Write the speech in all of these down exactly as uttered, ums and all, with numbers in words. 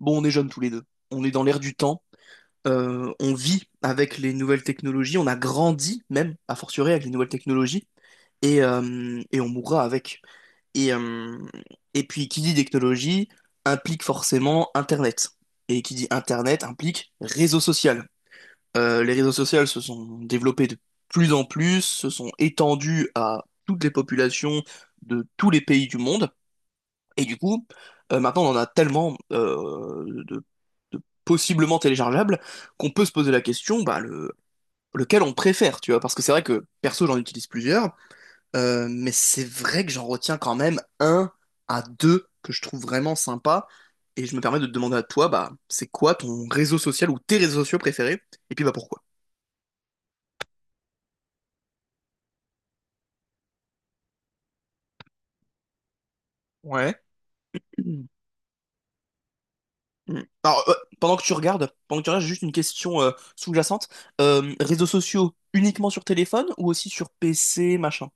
Bon, on est jeunes tous les deux. On est dans l'air du temps. Euh, on vit avec les nouvelles technologies. On a grandi même, à fortiori, avec les nouvelles technologies. Et, euh, et on mourra avec. Et, euh, et puis, qui dit technologie implique forcément Internet. Et qui dit Internet implique réseau social. Euh, les réseaux sociaux se sont développés de plus en plus, se sont étendus à toutes les populations de tous les pays du monde. Et du coup, euh, maintenant, on en a tellement euh, de, de possiblement téléchargeables qu'on peut se poser la question, bah, le, lequel on préfère, tu vois. Parce que c'est vrai que, perso, j'en utilise plusieurs, euh, mais c'est vrai que j'en retiens quand même un à deux que je trouve vraiment sympa. Et je me permets de te demander à toi, bah, c'est quoi ton réseau social ou tes réseaux sociaux préférés? Et puis, bah, pourquoi? Ouais. Mm. Alors, euh, pendant que tu regardes, pendant que tu regardes, j'ai juste une question euh, sous-jacente. Euh, réseaux sociaux uniquement sur téléphone ou aussi sur P C, machin?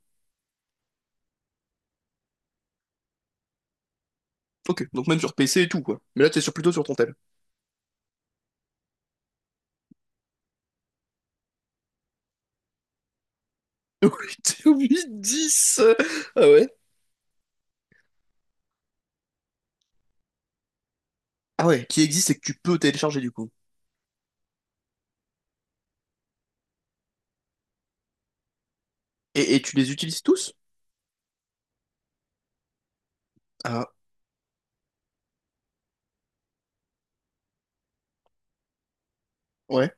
Ok, donc même sur P C et tout, quoi. Mais là, t'es sur, plutôt sur ton tel. huit dix! Ah ouais? Ah ouais, qui existe et que tu peux télécharger, du coup. Et, et tu les utilises tous? Ah ouais.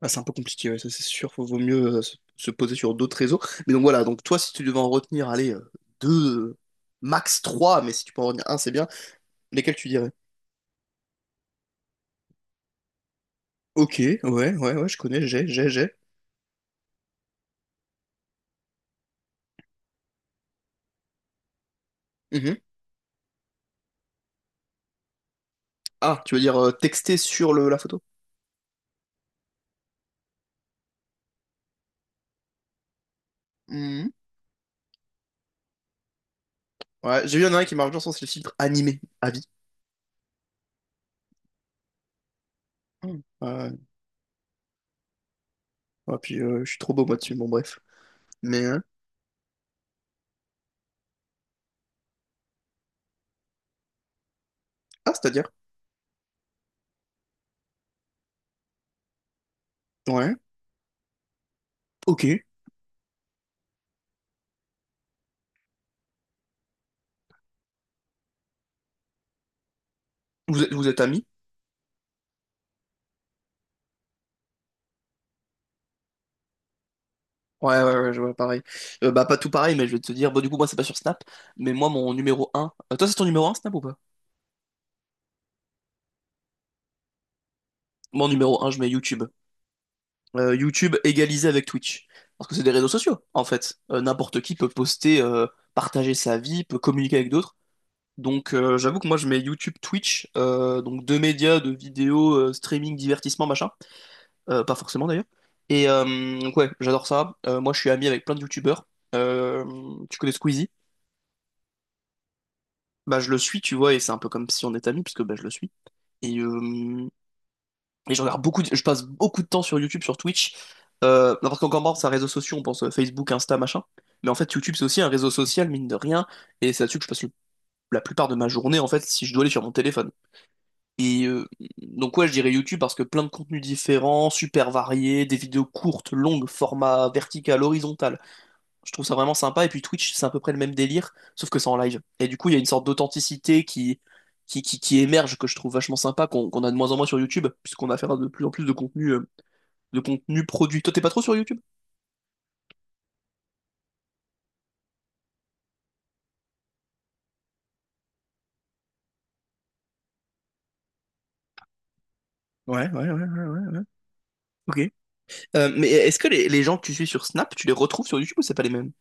Ah, c'est un peu compliqué, ouais, ça c'est sûr. Faut, vaut mieux euh, se, se poser sur d'autres réseaux. Mais donc voilà, donc toi, si tu devais en retenir, allez, euh, deux, euh, max trois, mais si tu peux en retenir un, c'est bien. Lesquels tu dirais? Ok, ouais, ouais, ouais, je connais, j'ai, j'ai, j'ai. Mhm. Ah, tu veux dire euh, texter sur le, la photo? Mhm. Ouais, j'ai vu, il y en a un qui marche bien, je pense, c'est le filtre animé, à vie. Mhm. Ouais, ouais, puis euh, je suis trop beau moi dessus, bon bref. Mais, euh, ah, c'est-à-dire? Ouais, ok. Vous êtes, vous êtes amis? Ouais, ouais, ouais, je vois, pareil. Euh, bah, pas tout pareil, mais je vais te dire, bon, du coup, moi, c'est pas sur Snap, mais moi, mon numéro un... toi, c'est ton numéro un Snap, ou pas? Moi, en numéro un, je mets YouTube. euh, YouTube égalisé avec Twitch. Parce que c'est des réseaux sociaux, en fait. Euh, n'importe qui peut poster, euh, partager sa vie, peut communiquer avec d'autres. Donc euh, j'avoue que moi je mets YouTube, Twitch, euh, donc deux médias de vidéos euh, streaming, divertissement, machin. Euh, pas forcément d'ailleurs. Et euh, donc ouais, j'adore ça. Euh, moi je suis ami avec plein de YouTubeurs. Euh, tu connais Squeezie? Bah je le suis, tu vois, et c'est un peu comme si on était amis, puisque bah, je le suis. Et euh, Et je regarde beaucoup, de- je passe beaucoup de temps sur YouTube, sur Twitch. Euh, parce qu'encore marre, c'est un réseau social, on pense euh, Facebook, Insta, machin. Mais en fait, YouTube, c'est aussi un réseau social, mine de rien. Et c'est là-dessus que je passe le- la plupart de ma journée, en fait, si je dois aller sur mon téléphone. Et euh, donc, ouais, je dirais YouTube parce que plein de contenus différents, super variés, des vidéos courtes, longues, format vertical, horizontal. Je trouve ça vraiment sympa. Et puis Twitch, c'est à peu près le même délire, sauf que c'est en live. Et du coup, il y a une sorte d'authenticité qui, qui, qui, qui émerge, que je trouve vachement sympa, qu'on qu'on a de moins en moins sur YouTube, puisqu'on a affaire à de plus en plus de contenu de contenu produit. Toi, t'es pas trop sur YouTube? Ouais, ouais, ouais, ouais, ouais, ouais. Ok. Euh, mais est-ce que les, les gens que tu suis sur Snap, tu les retrouves sur YouTube ou c'est pas les mêmes?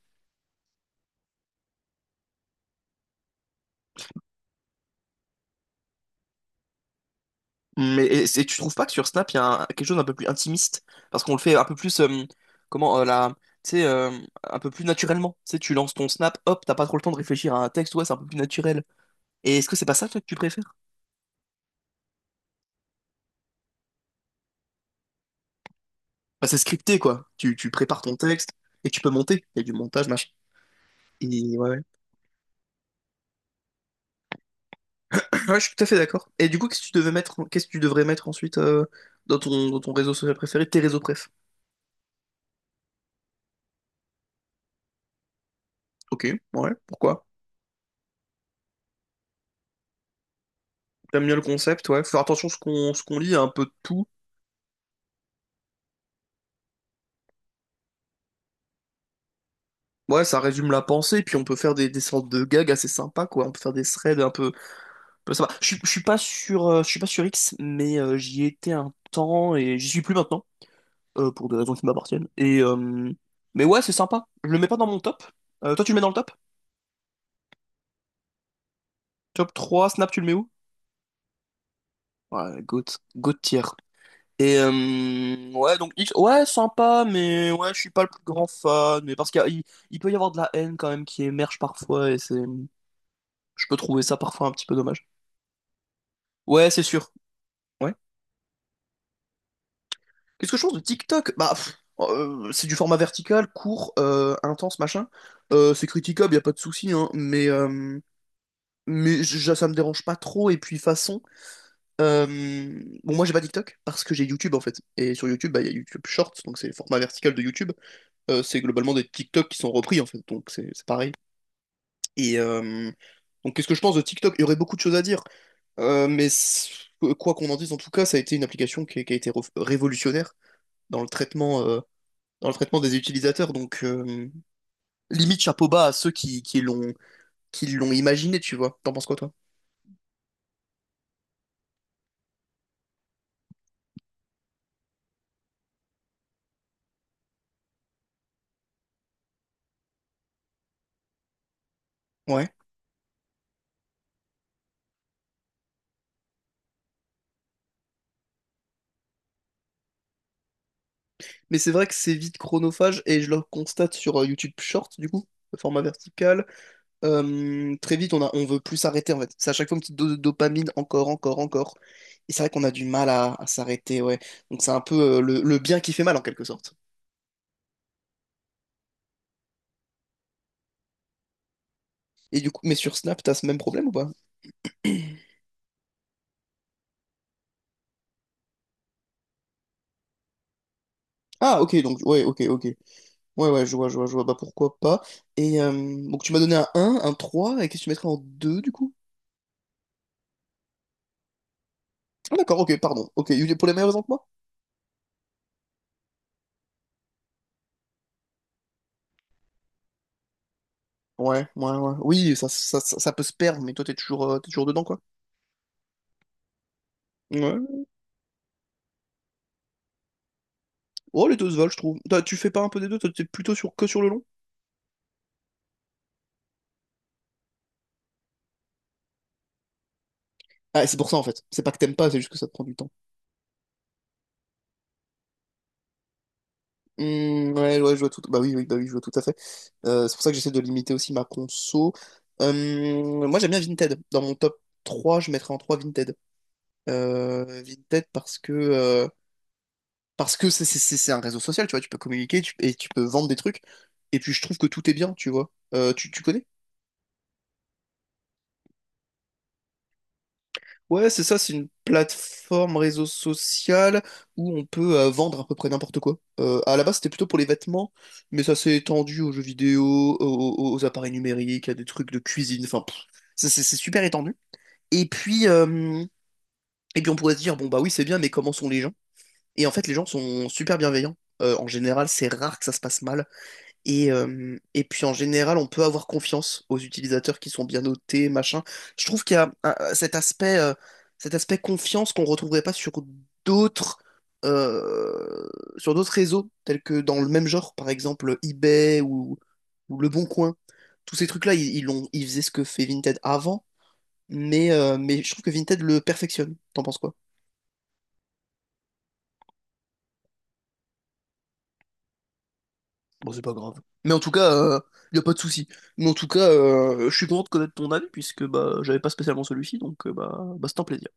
Mais et, et tu trouves pas que sur Snap, il y a un- quelque chose d'un peu plus intimiste? Parce qu'on le fait un peu plus, euh, comment, euh, la, tu sais, euh, un peu plus naturellement. Tu sais, tu lances ton Snap, hop, t'as pas trop le temps de réfléchir à un texte, ouais, c'est un peu plus naturel. Et est-ce que c'est pas ça, toi, que tu préfères? Bah, c'est scripté, quoi. Tu, tu prépares ton texte et tu peux monter. Il y a du montage, machin. Et ouais, ouais. Ouais, je suis tout à fait d'accord. Et du coup, qu'est-ce que tu devais mettre, qu'est-ce que tu devrais mettre ensuite euh, dans ton, dans ton réseau social préféré, tes réseaux préf. Ok, ouais, pourquoi? J'aime bien le concept, ouais. Faut faire attention à ce qu'on ce qu'on lit, à un peu de tout. Ouais, ça résume la pensée, puis on peut faire des, des sortes de gags assez sympas, quoi. On peut faire des threads un peu, un peu sympas. Je, suis- je suis pas sur, euh, je suis pas sur X, mais euh, j'y étais un temps et j'y suis plus maintenant, euh, pour des raisons qui m'appartiennent. Et euh, mais ouais, c'est sympa. Je le mets pas dans mon top. Euh, toi, tu le mets dans le top? Top trois Snap, tu le mets où? Ouais, GOAT, GOAT tier. Et euh, ouais, donc X, ouais, sympa, mais ouais, je suis pas le plus grand fan. Mais parce qu'il y a- il, il peut y avoir de la haine quand même qui émerge parfois, et c'est, je peux trouver ça parfois un petit peu dommage. Ouais, c'est sûr. Ouais. Qu'est-ce que je pense de TikTok? Bah, pff, oh, euh, c'est du format vertical, court, euh, intense, machin. Euh, c'est critiquable, y a pas de souci, hein. Mais, euh, mais je- ça me dérange pas trop. Et puis façon. Euh, bon, moi j'ai pas TikTok parce que j'ai YouTube en fait. Et sur YouTube, bah, il y a YouTube Shorts, donc c'est le format vertical de YouTube. Euh, c'est globalement des TikTok qui sont repris en fait, donc c'est c'est pareil. Et euh, donc qu'est-ce que je pense de TikTok? Il y aurait beaucoup de choses à dire, Euh, mais c- quoi qu'on en dise, en tout cas, ça a été une application qui a, qui a été re- révolutionnaire dans le traitement, euh, dans le traitement des utilisateurs. Donc euh, limite chapeau bas à ceux qui, qui l'ont qui l'ont imaginé, tu vois. T'en penses quoi toi? Ouais. Mais c'est vrai que c'est vite chronophage et je le constate sur euh, YouTube Short, du coup, le format vertical. Euh, très vite, on a, on veut plus s'arrêter en fait. C'est à chaque fois une petite dose de dopamine, encore, encore, encore. Et c'est vrai qu'on a du mal à, à s'arrêter, ouais. Donc c'est un peu euh, le, le bien qui fait mal en quelque sorte. Et du coup, mais sur Snap, t'as ce même problème ou pas? Ah, ok, donc, ouais, ok, ok. Ouais, ouais, je vois, je vois, je vois. Bah pourquoi pas. Et euh, donc tu m'as donné un 1, un trois et qu'est-ce que tu mettrais en deux du coup? Ah, d'accord, ok, pardon. Ok, pour les meilleures raisons que moi? Ouais, ouais, ouais. Oui, ça, ça, ça, ça peut se perdre, mais toi, t'es toujours, euh, t'es toujours dedans, quoi. Ouais. Oh, les deux se valent, je trouve. Toi, tu fais pas un peu des deux, toi, t'es plutôt sur, que sur le long? Ah, c'est pour ça, en fait. C'est pas que t'aimes pas, c'est juste que ça te prend du temps. Hmm, ouais, ouais, je vois tout. Bah oui, oui, bah oui, je vois tout à fait. Euh, c'est pour ça que j'essaie de limiter aussi ma conso. Euh, moi, j'aime bien Vinted. Dans mon top trois, je mettrais en trois Vinted. Euh, Vinted parce que, euh, parce que c'est c'est- c'est- c'est un réseau social, tu vois. Tu peux communiquer tu- et tu peux vendre des trucs. Et puis, je trouve que tout est bien, tu vois. Euh, tu, tu connais? Ouais, c'est ça, c'est une plateforme réseau social où on peut euh, vendre à peu près n'importe quoi. Euh, à la base, c'était plutôt pour les vêtements, mais ça s'est étendu aux jeux vidéo, aux, aux- aux appareils numériques, à des trucs de cuisine, enfin, pff, ça, c'est c'est super étendu. Et puis, euh, et puis, on pourrait se dire, bon, bah oui, c'est bien, mais comment sont les gens? Et en fait, les gens sont super bienveillants. Euh, en général, c'est rare que ça se passe mal. Et, euh, et puis en général, on peut avoir confiance aux utilisateurs qui sont bien notés, machin. Je trouve qu'il y a un- un- cet aspect, euh, cet aspect confiance qu'on retrouverait pas sur d'autres euh, sur d'autres réseaux, tels que dans le même genre, par exemple eBay ou, ou Le Bon Coin. Tous ces trucs-là, ils, ils l'ont- ils faisaient ce que fait Vinted avant, mais, euh, mais je trouve que Vinted le perfectionne. T'en penses quoi? Bon, c'est pas grave. Mais en tout cas, il y a pas de souci. Mais en tout cas, euh, je suis content de connaître ton avis puisque bah j'avais pas spécialement celui-ci, donc euh, bah, bah c'est un plaisir.